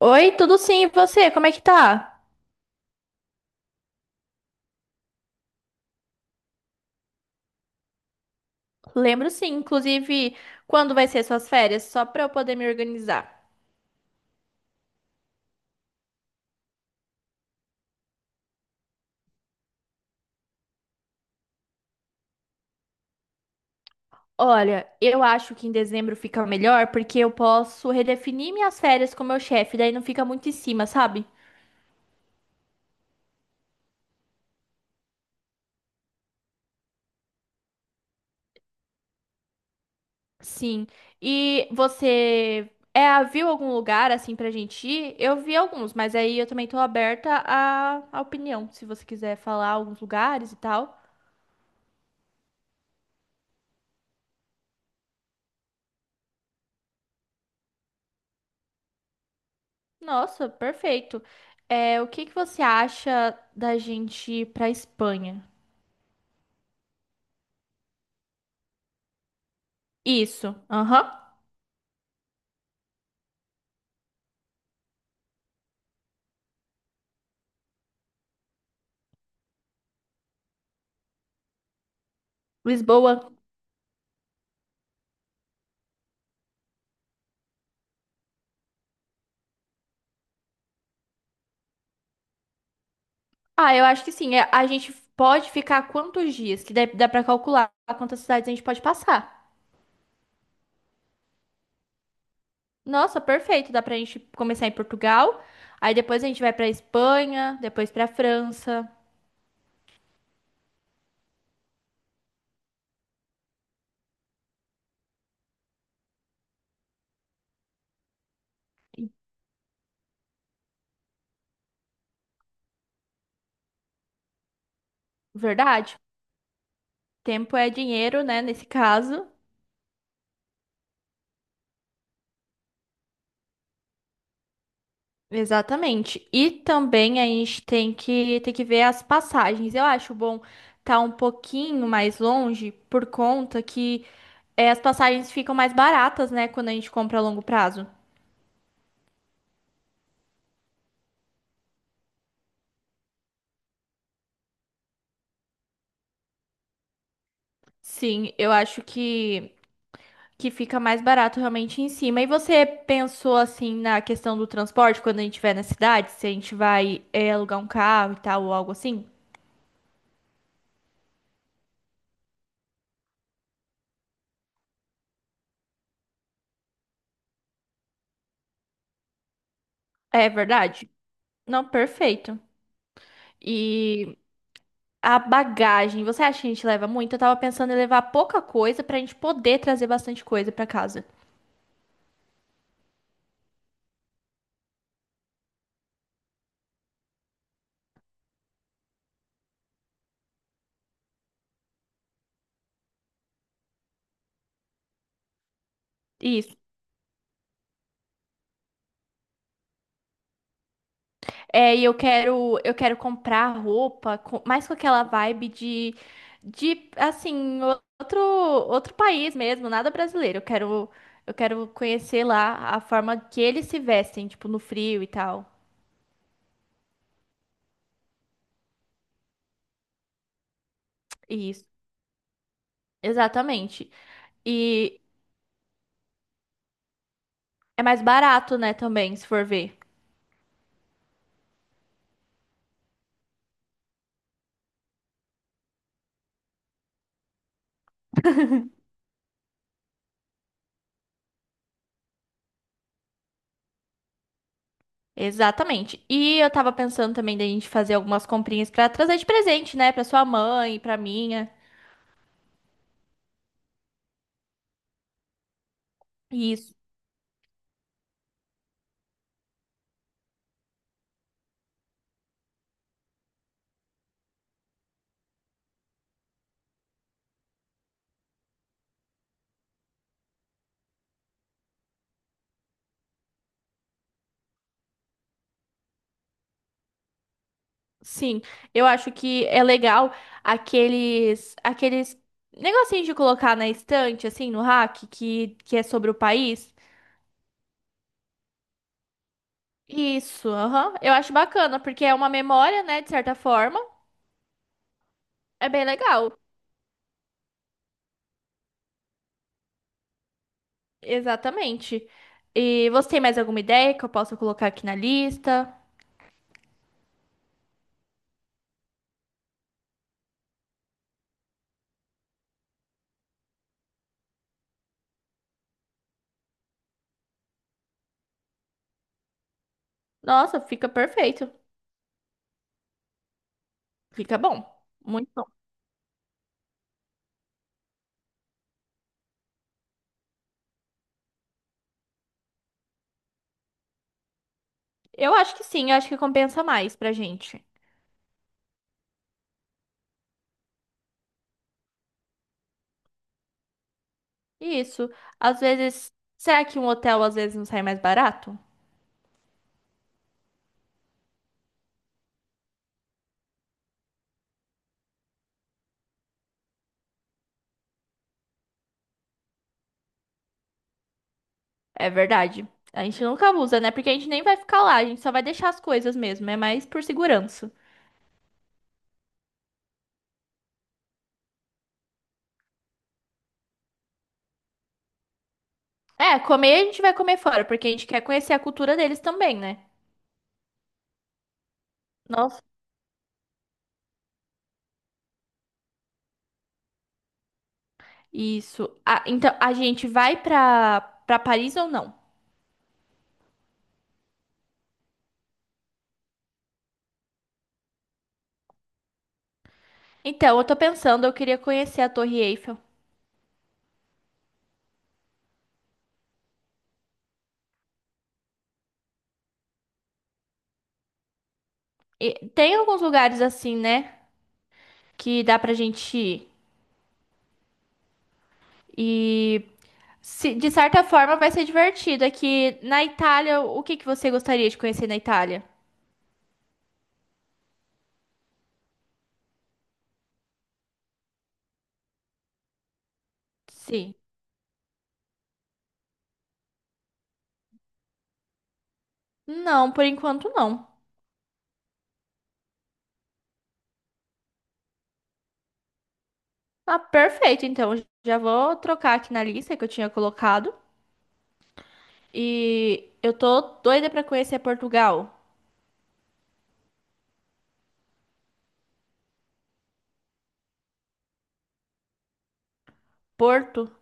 Oi, tudo sim, e você? Como é que tá? Lembro sim, inclusive, quando vai ser suas férias, só pra eu poder me organizar. Olha, eu acho que em dezembro fica melhor porque eu posso redefinir minhas férias com meu chefe, daí não fica muito em cima, sabe? Sim. E você viu algum lugar assim pra gente ir? Eu vi alguns, mas aí eu também tô aberta à opinião, se você quiser falar alguns lugares e tal. Nossa, perfeito. É, o que que você acha da gente ir pra Espanha? Isso. Aham. Lisboa. Ah, eu acho que sim. É, a gente pode ficar quantos dias? Que dá pra calcular quantas cidades a gente pode passar. Nossa, perfeito. Dá pra gente começar em Portugal. Aí depois a gente vai pra Espanha, depois pra França. Verdade? Tempo é dinheiro, né? Nesse caso. Exatamente. E também a gente tem que ver as passagens. Eu acho bom estar um pouquinho mais longe por conta que as passagens ficam mais baratas, né, quando a gente compra a longo prazo. Sim, eu acho que fica mais barato realmente em cima. E você pensou assim na questão do transporte quando a gente estiver na cidade, se a gente vai alugar um carro e tal ou algo assim? É verdade? Não, perfeito. E a bagagem, você acha que a gente leva muito? Eu tava pensando em levar pouca coisa pra gente poder trazer bastante coisa pra casa. Isso. É, e eu quero comprar roupa, mais com aquela vibe de assim, outro país mesmo, nada brasileiro. Eu quero conhecer lá a forma que eles se vestem, tipo, no frio e tal. Isso. Exatamente. E é mais barato, né, também, se for ver. Exatamente. E eu tava pensando também da gente fazer algumas comprinhas pra trazer de presente, né, pra sua mãe, pra minha. Isso. Sim. Eu acho que é legal aqueles negocinhos de colocar na estante assim, no rack, que é sobre o país. Isso, aham. Eu acho bacana, porque é uma memória, né, de certa forma. É bem legal. Exatamente. E você tem mais alguma ideia que eu possa colocar aqui na lista? Nossa, fica perfeito. Fica bom. Muito. Eu acho que sim, eu acho que compensa mais pra gente. Isso. Às vezes, será que um hotel às vezes não sai mais barato? É verdade. A gente nunca usa, né? Porque a gente nem vai ficar lá, a gente só vai deixar as coisas mesmo, é mais por segurança. É, comer a gente vai comer fora, porque a gente quer conhecer a cultura deles também, né? Nossa. Isso. Ah, então, a gente vai pra, pra Paris ou não? Então, eu tô pensando, eu queria conhecer a Torre Eiffel. E tem alguns lugares assim, né? Que dá pra gente ir. De certa forma vai ser divertido. Aqui na Itália, o que que você gostaria de conhecer na Itália? Sim. Não, por enquanto não. Ah, perfeito. Então, já vou trocar aqui na lista que eu tinha colocado. E eu tô doida pra conhecer Portugal. Porto?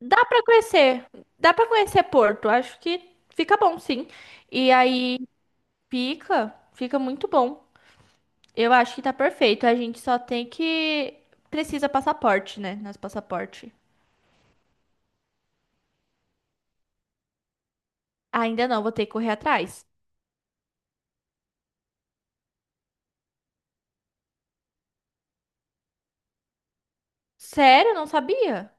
Dá pra conhecer. Dá pra conhecer Porto. Acho que fica bom, sim. E aí fica, fica muito bom. Eu acho que tá perfeito. A gente só tem que Precisa passaporte, né? Nosso passaporte. Ainda não, vou ter que correr atrás. Sério? Não sabia?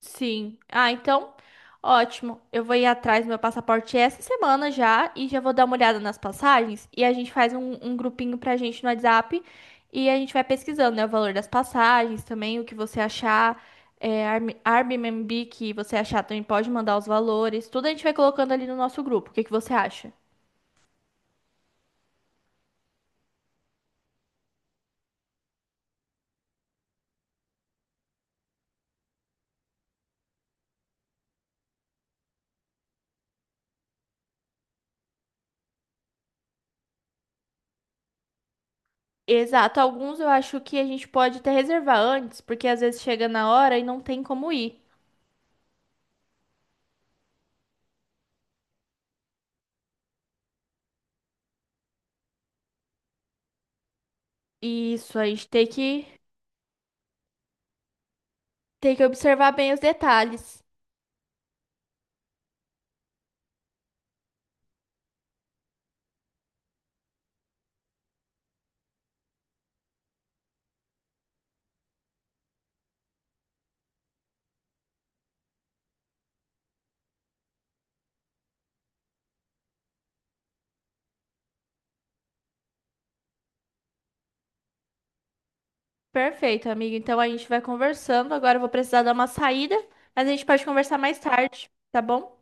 Sim. Ah, então, ótimo. Eu vou ir atrás do meu passaporte essa semana já e já vou dar uma olhada nas passagens e a gente faz um grupinho pra gente no WhatsApp e a gente vai pesquisando, né, o valor das passagens também, o que você achar, Airbnb que você achar também pode mandar os valores, tudo a gente vai colocando ali no nosso grupo. O que que você acha? Exato, alguns eu acho que a gente pode até reservar antes, porque às vezes chega na hora e não tem como ir. Isso, a gente tem que observar bem os detalhes. Perfeito, amigo. Então a gente vai conversando. Agora eu vou precisar dar uma saída, mas a gente pode conversar mais tarde, tá bom?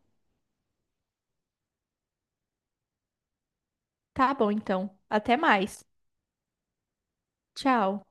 Tá bom, então. Até mais. Tchau.